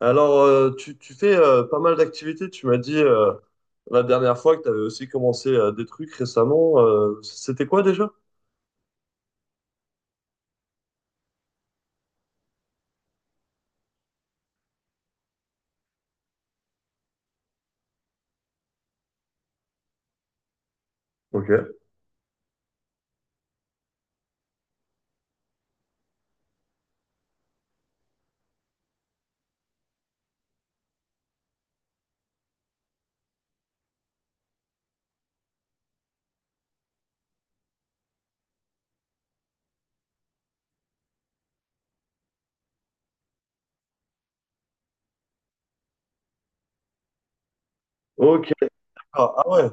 Alors, tu fais pas mal d'activités. Tu m'as dit la dernière fois que tu avais aussi commencé des trucs récemment. C'était quoi déjà? Ok. Ok. Ah, ah ouais.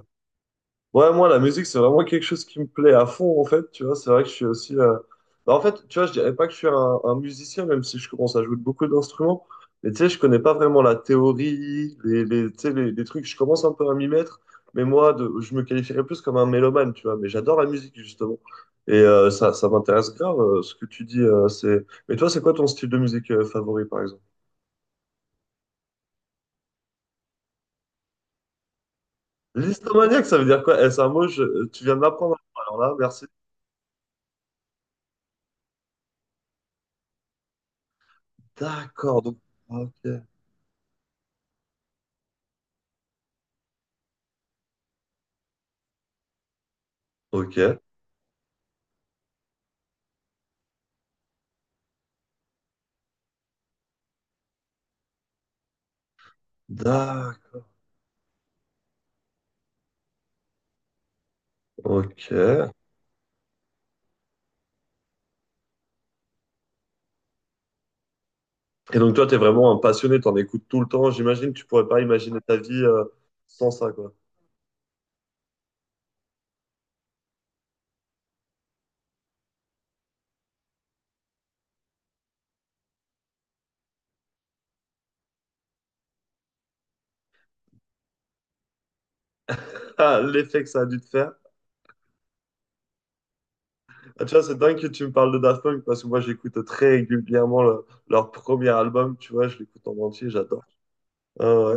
Ouais, moi, la musique, c'est vraiment quelque chose qui me plaît à fond, en fait. Tu vois, c'est vrai que je suis aussi. En fait, tu vois, je dirais pas que je suis un musicien, même si je commence à jouer de beaucoup d'instruments. Mais tu sais, je connais pas vraiment la théorie, tu sais, les trucs. Je commence un peu à m'y mettre. Mais moi, je me qualifierais plus comme un mélomane, tu vois. Mais j'adore la musique, justement. Et ça, ça m'intéresse grave, ce que tu dis. C'est... Mais toi, c'est quoi ton style de musique favori, par exemple? L'histomaniaque, ça veut dire quoi? Eh, c'est un mot, tu viens de m'apprendre. Alors là, merci. D'accord, donc. Ok. Ok. D'accord. Ok. Et donc toi, t'es vraiment un passionné, t'en écoutes tout le temps. J'imagine que tu pourrais pas imaginer ta vie sans ça, quoi. Ah, l'effet que ça a dû te faire. Ah, tu vois, c'est dingue que tu me parles de Daft Punk parce que moi, j'écoute très régulièrement leur premier album. Tu vois, je l'écoute en entier, j'adore. Ah, ouais.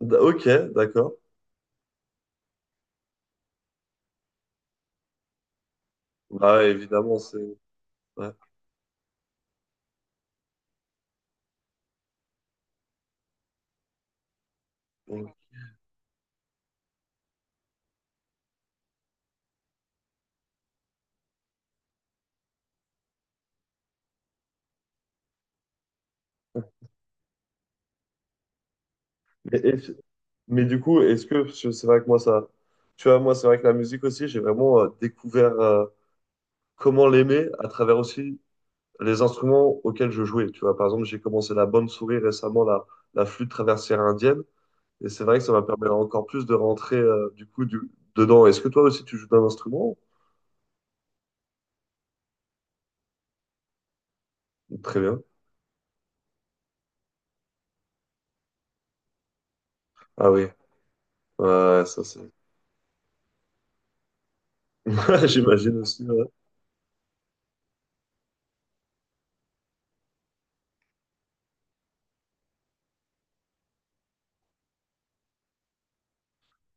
Ok, d'accord. Bah ouais, évidemment, c'est. Ouais. Mm. Mais, et- mais du coup, est-ce que parce que c'est vrai que moi ça, tu vois, moi c'est vrai que la musique aussi, j'ai vraiment découvert comment l'aimer à travers aussi les instruments auxquels je jouais. Tu vois, par exemple, j'ai commencé la bonne souris récemment, la flûte traversière indienne, et c'est vrai que ça m'a permis encore plus de rentrer dedans. Est-ce que toi aussi tu joues d'un instrument? Très bien. Ah oui, ouais, ça c'est. J'imagine aussi. Ouais.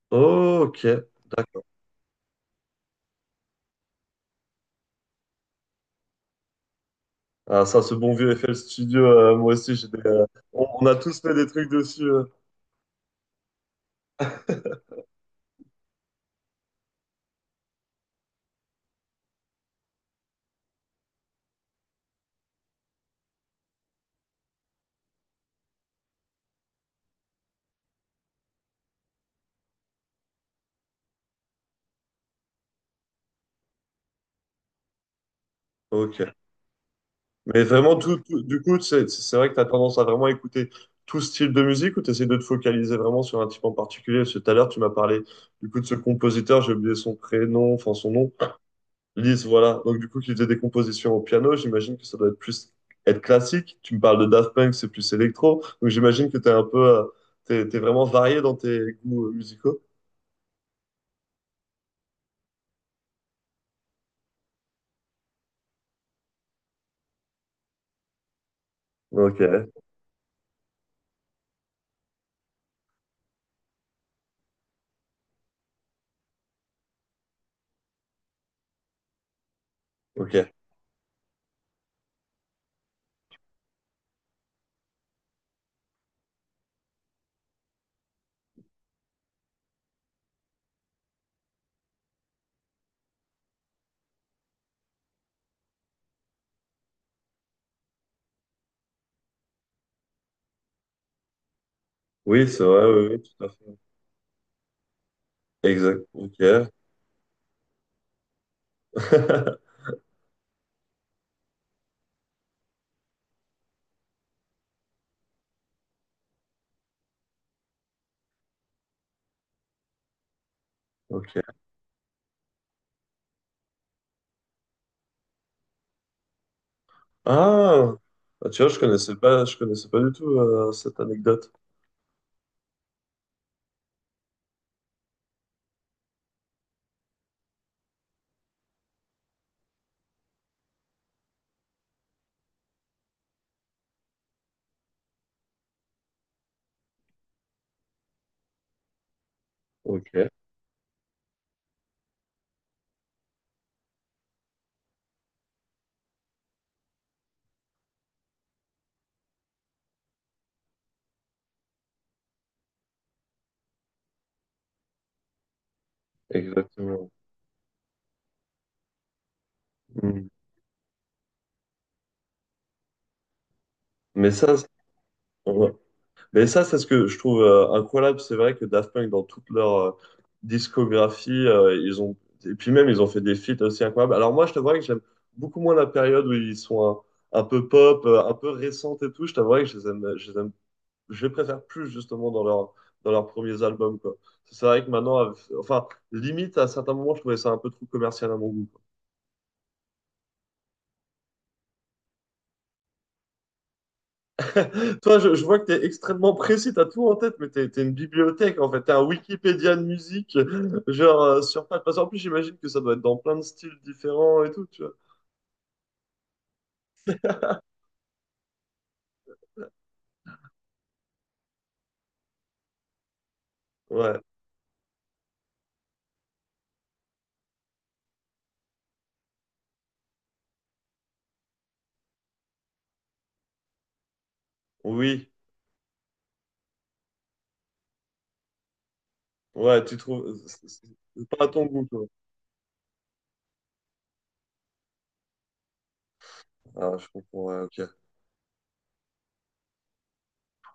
Oh, ok, d'accord. Ah, ça, ce bon vieux FL Studio, moi aussi, on a tous fait des trucs dessus. Ok. Mais vraiment, du coup, c'est vrai que tu as tendance à vraiment écouter tout style de musique ou tu essaies de te focaliser vraiment sur un type en particulier? Parce que tout à l'heure, tu m'as parlé du coup de ce compositeur, j'ai oublié son prénom, enfin son nom, Lise, voilà. Donc du coup, qui faisait des compositions au piano, j'imagine que ça doit être plus être classique. Tu me parles de Daft Punk, c'est plus électro. Donc j'imagine que tu es un peu, t'es vraiment varié dans tes goûts musicaux. Ok, ok. Oui, c'est vrai, oui, oui, tout à fait. Exact, ok. Ok. Ah, bah, tu vois, je connaissais pas du tout cette anecdote. Ok, exactement. Hmm. Mais ça, c'est- ouais. Mais ça, c'est ce que je trouve incroyable. C'est vrai que Daft Punk, dans toute leur discographie, ils ont et puis même ils ont fait des feats aussi incroyables. Alors moi, je t'avouerais que j'aime beaucoup moins la période où ils sont un peu pop, un peu récente et tout. Je t'avouerais que je les aime je les préfère plus justement dans leurs premiers albums quoi. C'est vrai que maintenant, enfin, limite à certains moments, je trouvais ça un peu trop commercial à mon goût. Quoi. Toi, je vois que t'es extrêmement précis, t'as tout en tête, mais t'es une bibliothèque en fait, t'es un Wikipédia de musique, genre sur pattes. Parce qu'en plus, j'imagine que ça doit être dans plein de styles différents et tout, tu vois. Ouais, oui, ouais, tu trouves, c'est pas à ton goût, quoi. Ah, je comprends, ouais, ok.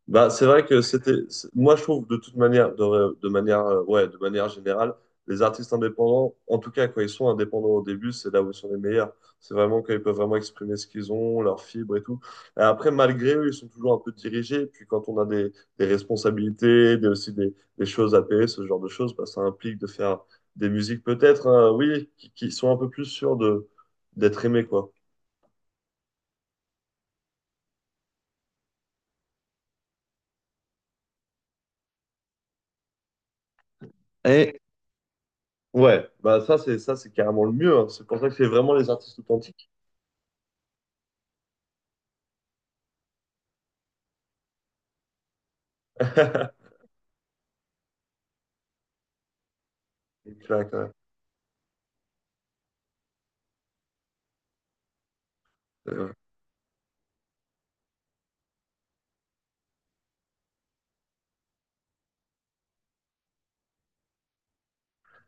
Bah, c'est vrai que moi je trouve de toute manière, de manière générale, les artistes indépendants, en tout cas quand ils sont indépendants au début, c'est là où ils sont les meilleurs. C'est vraiment quand ils peuvent vraiment exprimer ce qu'ils ont, leurs fibres et tout. Et après, malgré eux, ils sont toujours un peu dirigés. Et puis quand on a des responsabilités, des choses à payer, ce genre de choses, bah, ça implique de faire des musiques peut-être, hein, oui, qui sont un peu plus sûres de, d'être aimées, quoi. Et ouais, ça c'est carrément le mieux. Hein. C'est pour ça que c'est vraiment les artistes authentiques Exact, ouais. Euh,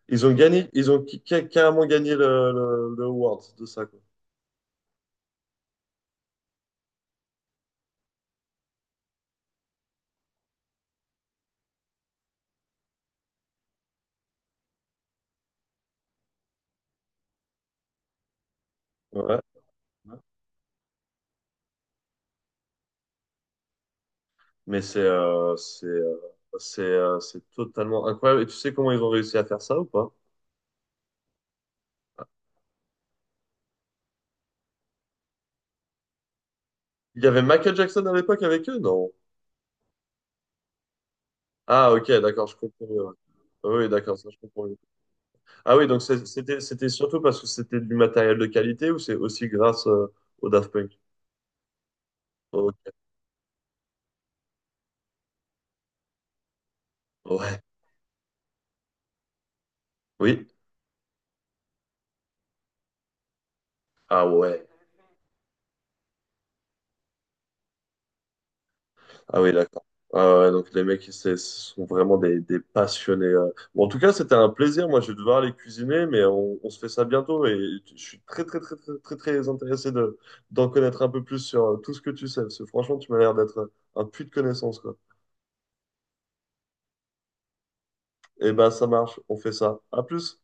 ils ont gagné, ils ont qui- carrément gagné le award de ça, quoi. Ouais. Mais c'est totalement incroyable. Et tu sais comment ils ont réussi à faire ça ou pas? Il y avait Michael Jackson à l'époque avec eux? Non. Ah, ok, d'accord, je comprends. Mieux, ouais. Oui, d'accord, ça je comprends. Mieux. Ah oui, c'était surtout parce que c'était du matériel de qualité ou c'est aussi grâce au Daft Punk? Ok. Ouais. Oui. Ah ouais. Ah oui, d'accord. Ah ouais, ouais, donc les mecs, c'est- ce sont vraiment des passionnés. Euh. Bon, en tout cas, c'était un plaisir. Moi, je vais devoir aller cuisiner, mais on se fait ça bientôt. Et je suis très, très, très, très, très, très intéressé de, d'en connaître un peu plus sur tout ce que tu sais. Parce que franchement, tu m'as l'air d'être un puits de connaissances, quoi. Eh ben, ça marche. On fait ça. À plus.